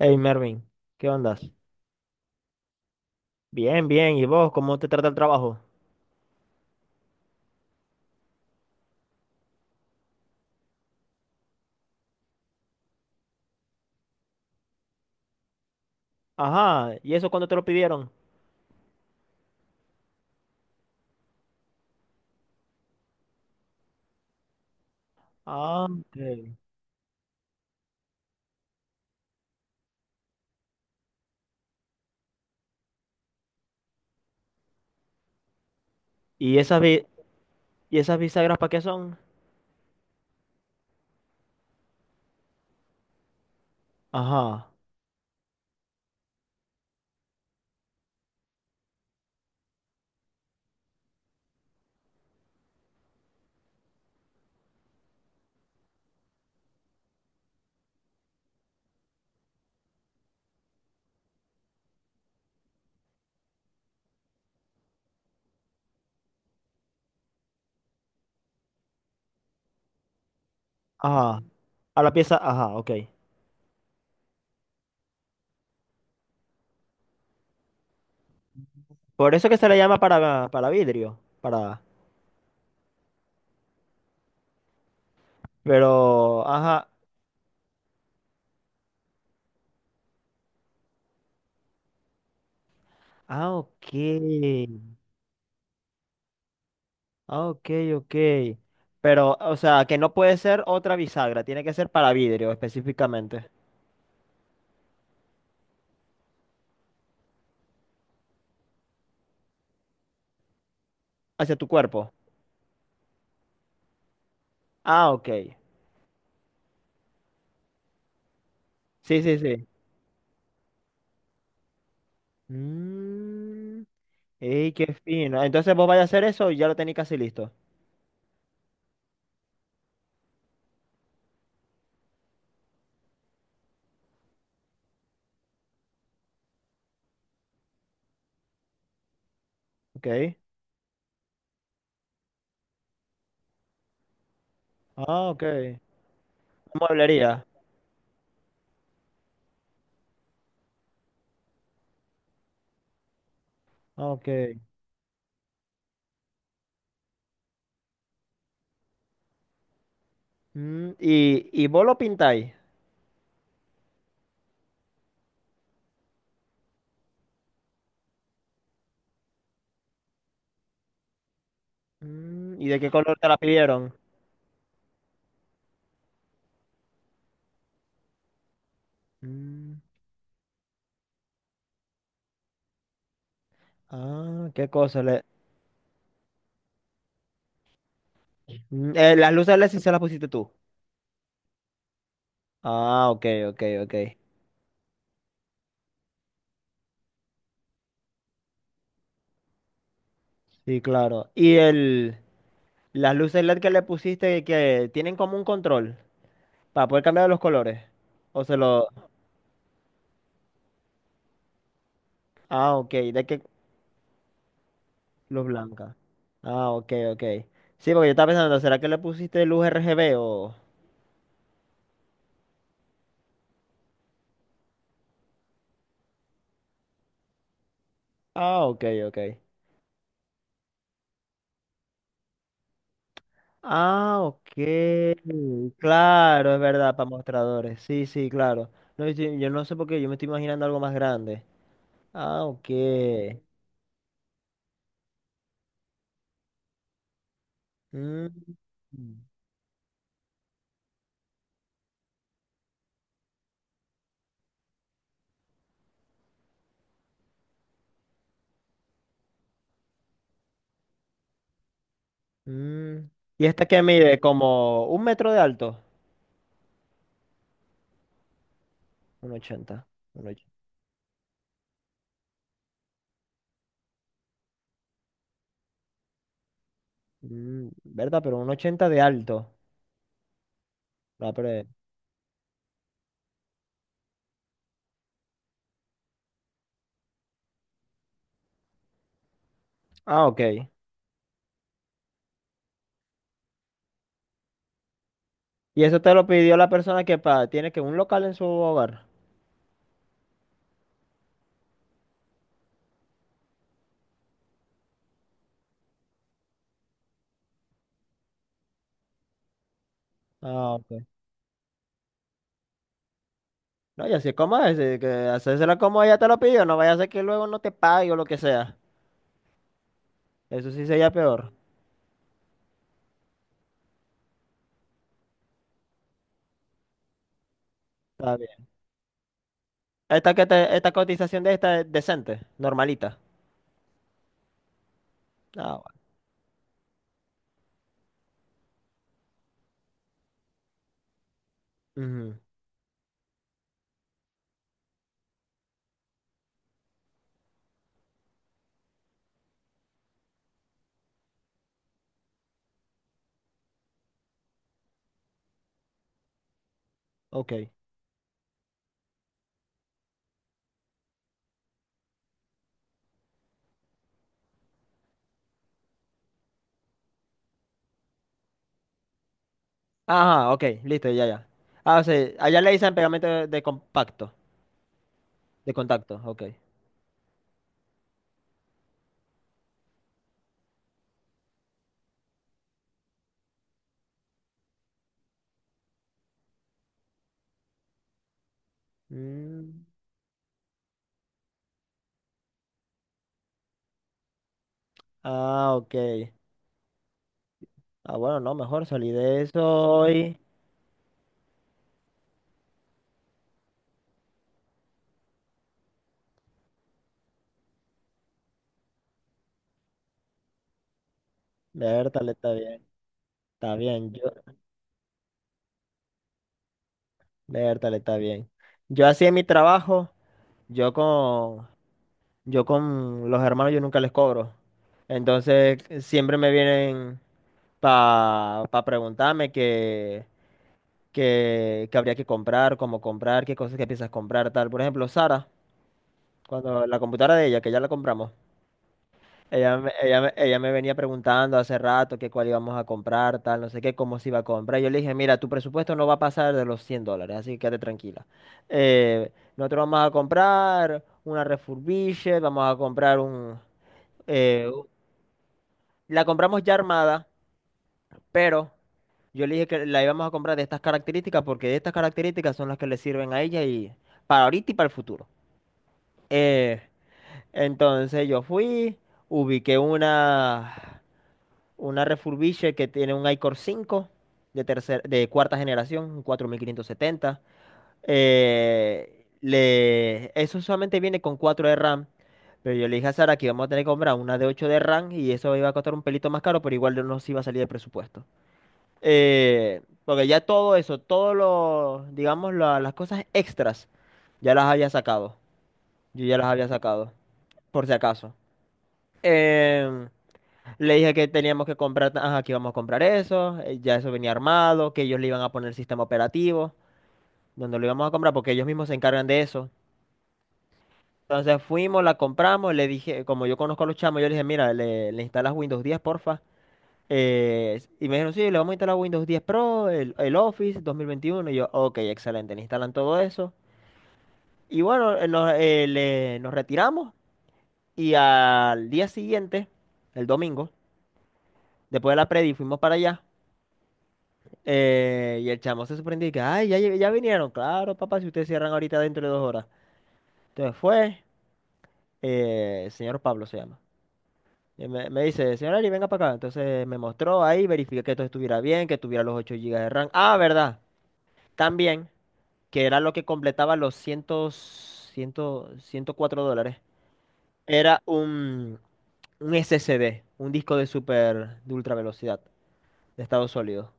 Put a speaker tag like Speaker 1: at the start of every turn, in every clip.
Speaker 1: Hey Mervin, ¿qué ondas? Bien, bien. ¿Y vos cómo te trata el trabajo? Ajá. ¿Y eso cuándo te lo pidieron? Ah, ok. ¿Y y esas bisagras para qué son? Ajá. Ajá. A la pieza, ajá, ok. Por eso que se le llama para vidrio, para. Pero, ajá. Ah, ok. Ah, ok, ok. Pero, o sea, que no puede ser otra bisagra, tiene que ser para vidrio específicamente, hacia tu cuerpo. Ah, ok. Sí, sí, sí. Mm. ¡Ey, qué fino! Entonces vos vais a hacer eso y ya lo tenéis casi listo. Ok. Ah, ok. Mueblería. Ah, ok. Mm, y vos lo pintáis. Mm, ¿y de qué color te la pidieron? Mm, ah, qué cosa. Le- Mm, las luces LED sí se las pusiste tú. Ah, ok, ok, ok. Sí, claro. Y las luces LED que le pusiste que tienen como un control para poder cambiar los colores. O se lo. Ah, ok. ¿De qué? Luz blanca. Ah, ok, ok. Sí, porque yo estaba pensando, ¿será que le pusiste luz RGB o...? Ah, ok, ok. Ah, ok. Claro, es verdad, para mostradores. Sí, sí, claro. No, yo no sé por qué, yo me estoy imaginando algo más grande. Ah, ok. Mm, mm. ¿Y esta que mide? ¿Como un metro de alto? Un ochenta. Un och- Mm, ¿verdad? Pero un ochenta de alto. La pre Ah, ok. Y eso te lo pidió la persona que tiene que un local en su hogar. Ah, ok. No, y así como es, que hacérsela como ella te lo pidió, no vaya a ser que luego no te pague o lo que sea. Eso sí sería peor. Está bien. Esta, esta cotización de esta es decente, normalita. Ah, bueno. Ujú. Ok. Ajá, ok, listo, ya, ya. Ah, o sea, allá le dicen pegamento de compacto, de contacto, ok. Mm, ah, ok. Ah, bueno, no, mejor salí de eso hoy. Vértale, está bien. Está bien. Yo. Vértale, está bien. Yo así en mi trabajo, yo con, yo con los hermanos yo nunca les cobro. Entonces siempre me vienen para preguntarme que habría que comprar, cómo comprar, qué cosas que piensas comprar, tal. Por ejemplo, Sara, cuando la computadora de ella, que ya la compramos. Ella me venía preguntando hace rato que cuál íbamos a comprar, tal, no sé qué, cómo se iba a comprar. Yo le dije, mira, tu presupuesto no va a pasar de los $100, así que quédate tranquila. Nosotros vamos a comprar una refurbished, vamos a comprar un... eh, la compramos ya armada, pero yo le dije que la íbamos a comprar de estas características porque de estas características son las que le sirven a ella y para ahorita y para el futuro. Eh, entonces yo fui, ubiqué una. Una Refurbished que tiene un iCore 5 de cuarta generación, un 4570. Eso solamente viene con 4 de RAM. Pero yo le dije a Sara que íbamos a tener que comprar una de 8 de RAM y eso iba a costar un pelito más caro, pero igual no nos iba a salir de presupuesto. Porque ya todo eso, todos los, digamos, las cosas extras, ya las había sacado. Yo ya las había sacado, por si acaso. Em, le dije que teníamos que comprar, ajá, que íbamos a comprar eso, ya eso venía armado, que ellos le iban a poner el sistema operativo, donde lo íbamos a comprar, porque ellos mismos se encargan de eso. Entonces fuimos, la compramos, le dije, como yo conozco a los chamos, yo le dije, mira, le instalas Windows 10, porfa. Y me dijeron, sí, le vamos a instalar Windows 10 Pro, el Office 2021. Y yo, ok, excelente, le instalan todo eso. Y bueno, nos retiramos y al día siguiente, el domingo, después de la predi, fuimos para allá. Y el chamo se sorprendió y que, ay, ya, ya vinieron, claro, papá, si ustedes cierran ahorita dentro de 2 horas. Entonces fue, el señor Pablo se llama. Y me dice, señor Ari, venga para acá. Entonces me mostró ahí, verifiqué que todo estuviera bien, que tuviera los 8 gigas de RAM. Ah, verdad, también, que era lo que completaba los 100, $104. Era un SSD, un disco de super, de ultra velocidad, de estado sólido.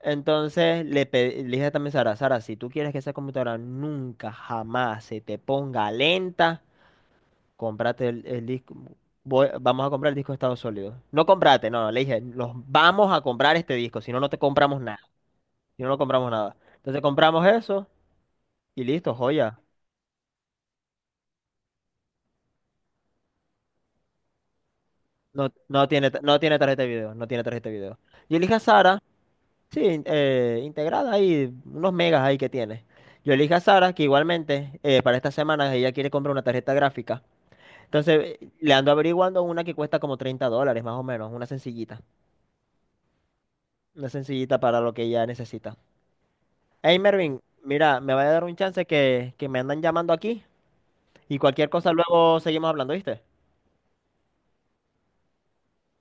Speaker 1: Entonces le dije también a Sara, Sara, si tú quieres que esa computadora nunca, jamás se te ponga lenta, cómprate el disco. Vamos a comprar el disco de estado sólido. No comprate, no, le dije, los vamos a comprar este disco, si no, no te compramos nada. Si no, no compramos nada. Entonces compramos eso y listo, joya. No, no tiene tarjeta de video, no tiene tarjeta de video. Yo le dije a Sara, sí, integrada ahí, unos megas ahí que tiene. Yo le dije a Sara que igualmente para esta semana ella quiere comprar una tarjeta gráfica. Entonces, le ando averiguando una que cuesta como $30, más o menos, una sencillita. Una sencillita para lo que ella necesita. Hey, Mervin, mira, me va a dar un chance que me andan llamando aquí y cualquier cosa luego seguimos hablando, ¿viste?